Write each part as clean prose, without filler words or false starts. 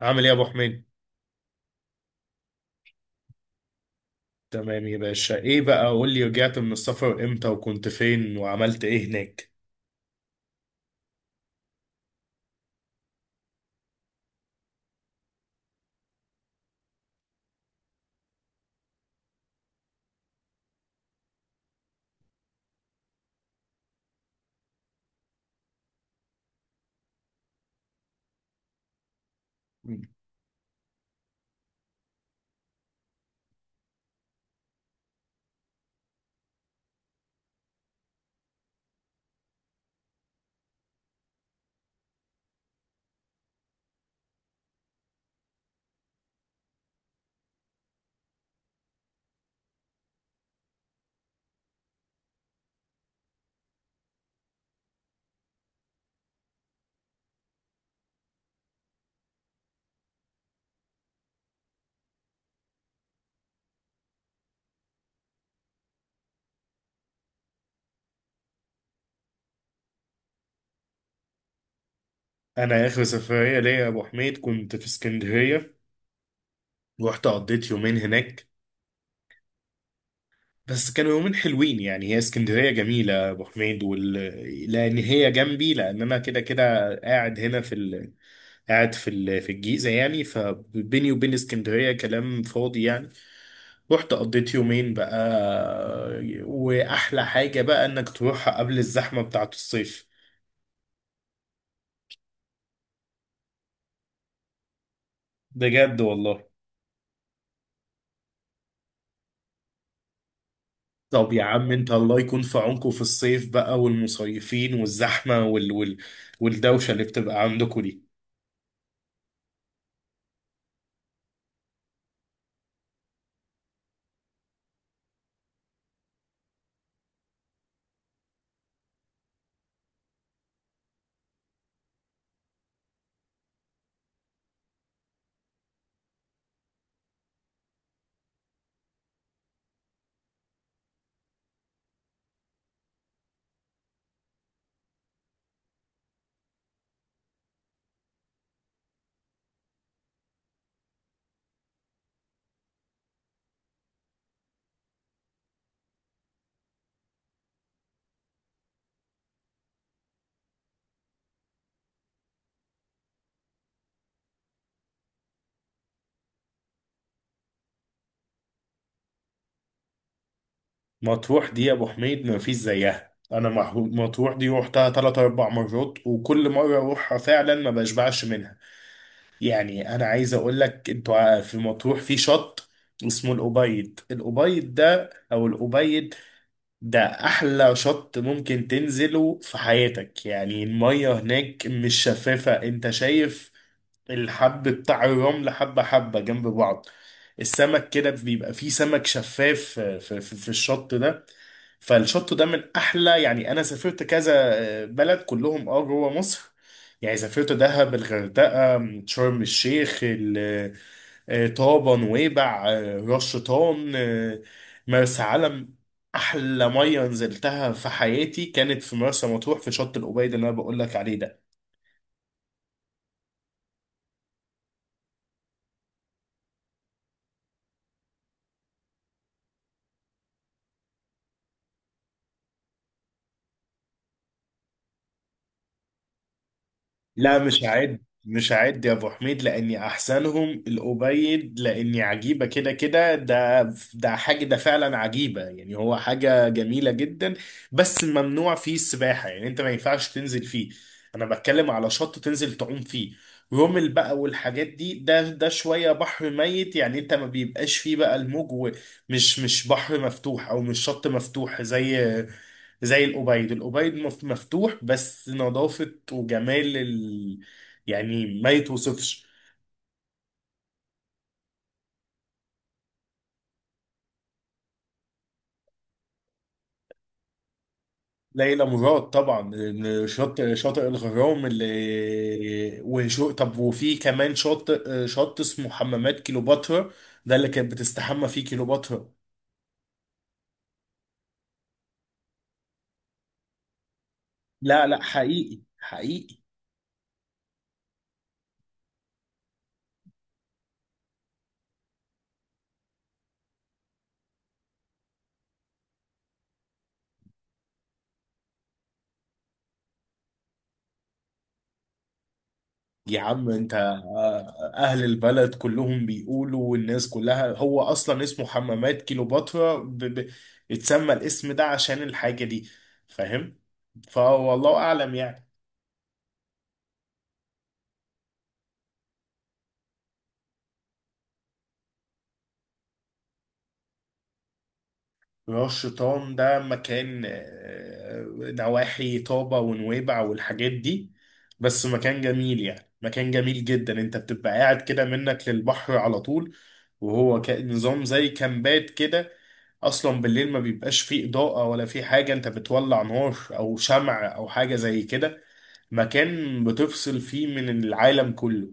عامل ايه يا ابو حميد؟ تمام يا باشا. ايه بقى، قول لي، رجعت من السفر امتى وكنت فين وعملت ايه هناك؟ انا اخر سفرية ليا يا ابو حميد كنت في اسكندرية. رحت قضيت يومين هناك، بس كانوا يومين حلوين. هي اسكندرية جميلة يا ابو حميد، وال... لان هي جنبي، لان انا كده كده قاعد هنا في ال... قاعد في الجيزة، يعني فبيني وبين اسكندرية كلام فاضي يعني. رحت قضيت يومين بقى، وأحلى حاجة بقى إنك تروحها قبل الزحمة بتاعة الصيف. بجد والله؟ طب يا عم انت الله يكون في عونكم في الصيف بقى، والمصيفين والزحمة وال... وال... والدوشة اللي بتبقى عندكم دي. مطروح دي يا ابو حميد ما فيش زيها، انا مطروح دي روحتها تلات اربع مرات، وكل مرة اروحها فعلا ما بشبعش منها. يعني انا عايز اقول لك انتوا في مطروح في شط اسمه الأبيض، الأبيض ده او الأبيض ده احلى شط ممكن تنزله في حياتك. يعني المية هناك مش شفافة، انت شايف الحب بتاع الرمل حبة حبة جنب بعض، السمك كده بيبقى فيه سمك شفاف في الشط ده. فالشط ده من أحلى، يعني أنا سافرت كذا بلد كلهم أه جوه مصر. يعني سافرت دهب، الغردقة، شرم الشيخ، طابة، نويبع، راس شيطان، مرسى علم. أحلى مية نزلتها في حياتي كانت في مرسى مطروح في شط القبيد اللي أنا بقول لك عليه ده. لا، مش هعد يا ابو حميد، لاني احسنهم الأبيد، لاني عجيبه كده كده ده. ده حاجه ده فعلا عجيبه، يعني هو حاجه جميله جدا. بس ممنوع فيه السباحه، يعني انت ما ينفعش تنزل فيه. انا بتكلم على شط تنزل تعوم فيه، رمل بقى والحاجات دي. ده ده شويه بحر ميت، يعني انت ما بيبقاش فيه بقى الموج، ومش مش بحر مفتوح او مش شط مفتوح زي زي الأوبايد. الأوبايد مفتوح، بس نظافة وجمال ال... يعني ما يتوصفش. ليلى مراد طبعا. شاطئ الغرام اللي وشو، طب وفي كمان شاطئ شط اسمه حمامات كيلوباترا، ده اللي كانت بتستحمى فيه كيلوباترا. لا لا، حقيقي حقيقي. يا عم انت اهل البلد كلهم بيقولوا، والناس كلها هو اصلا اسمه حمامات كيلوباترا ب... ب... اتسمى الاسم ده عشان الحاجة دي، فاهم؟ فوالله اعلم يعني. راس شيطان ده مكان نواحي طابة ونويبع والحاجات دي، بس مكان جميل، يعني مكان جميل جدا. انت بتبقى قاعد كده منك للبحر على طول، وهو نظام زي كامبات كده. اصلا بالليل ما بيبقاش فيه اضاءة ولا فيه حاجة، انت بتولع نار او شمع او حاجة زي كده. مكان بتفصل فيه من العالم كله.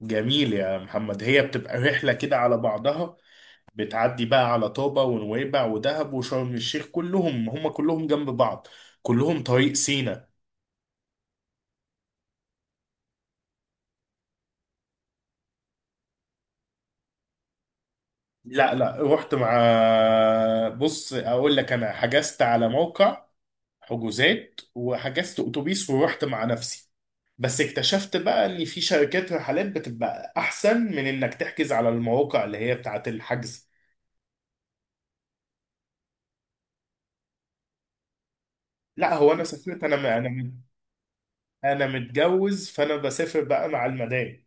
جميل يا محمد. هي بتبقى رحلة كده على بعضها، بتعدي بقى على طابة ونويبع ودهب وشرم الشيخ، كلهم هم كلهم جنب بعض، كلهم طريق سينا. لا لا، رحت مع، بص اقول لك، انا حجزت على موقع حجوزات وحجزت اتوبيس ورحت مع نفسي. بس اكتشفت بقى ان في شركات رحلات بتبقى احسن من انك تحجز على المواقع اللي هي بتاعت الحجز. لا، هو انا سافرت، انا متجوز، فانا بسافر بقى مع المدام.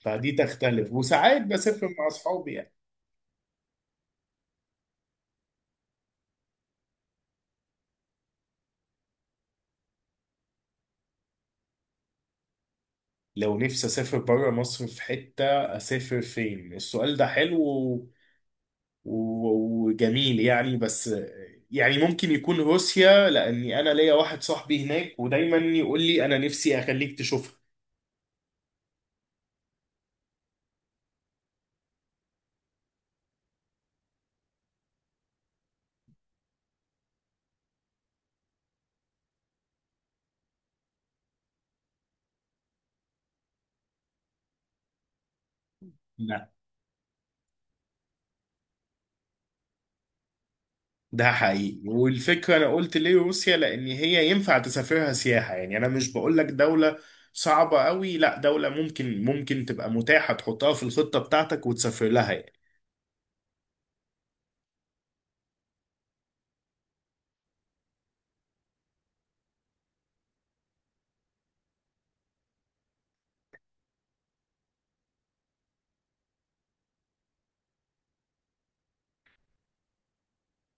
فدي تختلف، وساعات بسافر مع اصحابي. لو نفسي اسافر بره مصر في حتة اسافر فين؟ السؤال ده حلو وجميل يعني. بس يعني ممكن يكون روسيا، لاني انا ليا واحد صاحبي هناك ودايما يقول لي انا نفسي اخليك تشوفها. لا ده حقيقي. والفكرة انا قلت ليه روسيا لان هي ينفع تسافرها سياحة، يعني انا مش بقول لك دولة صعبة قوي، لا دولة ممكن تبقى متاحة تحطها في الخطة بتاعتك وتسافر لها يعني.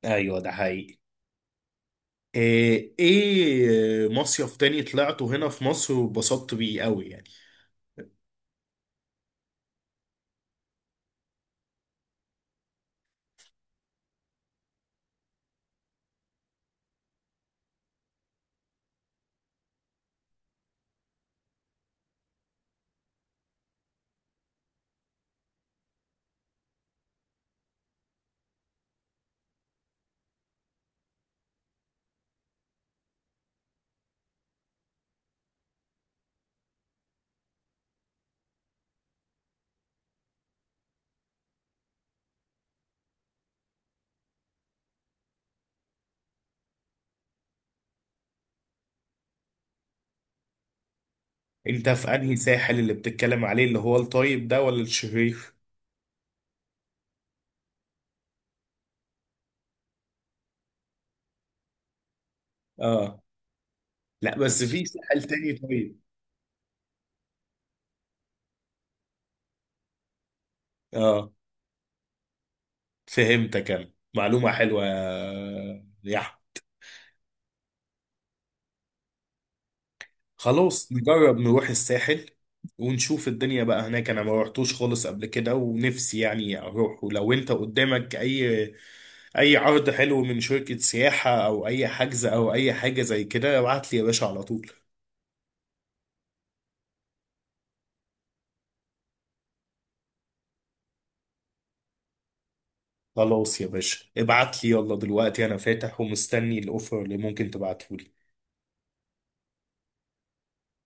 ايوه ده حقيقي. ايه إيه مصيف تاني طلعته هنا في مصر واتبسطت بيه قوي يعني. انت في انهي ساحل اللي بتتكلم عليه، اللي هو الطيب ده ولا الشرير؟ اه. لا، بس في ساحل تاني طيب. اه، فهمتك. انا معلومة حلوة يا يحيى. خلاص، نجرب نروح الساحل ونشوف الدنيا بقى هناك. انا ما روحتوش خالص قبل كده، ونفسي يعني اروح. ولو انت قدامك اي عرض حلو من شركة سياحة او اي حجز او اي حاجة زي كده، ابعت لي يا باشا على طول. خلاص يا باشا، ابعت لي يلا دلوقتي، انا فاتح ومستني الاوفر اللي ممكن تبعته لي.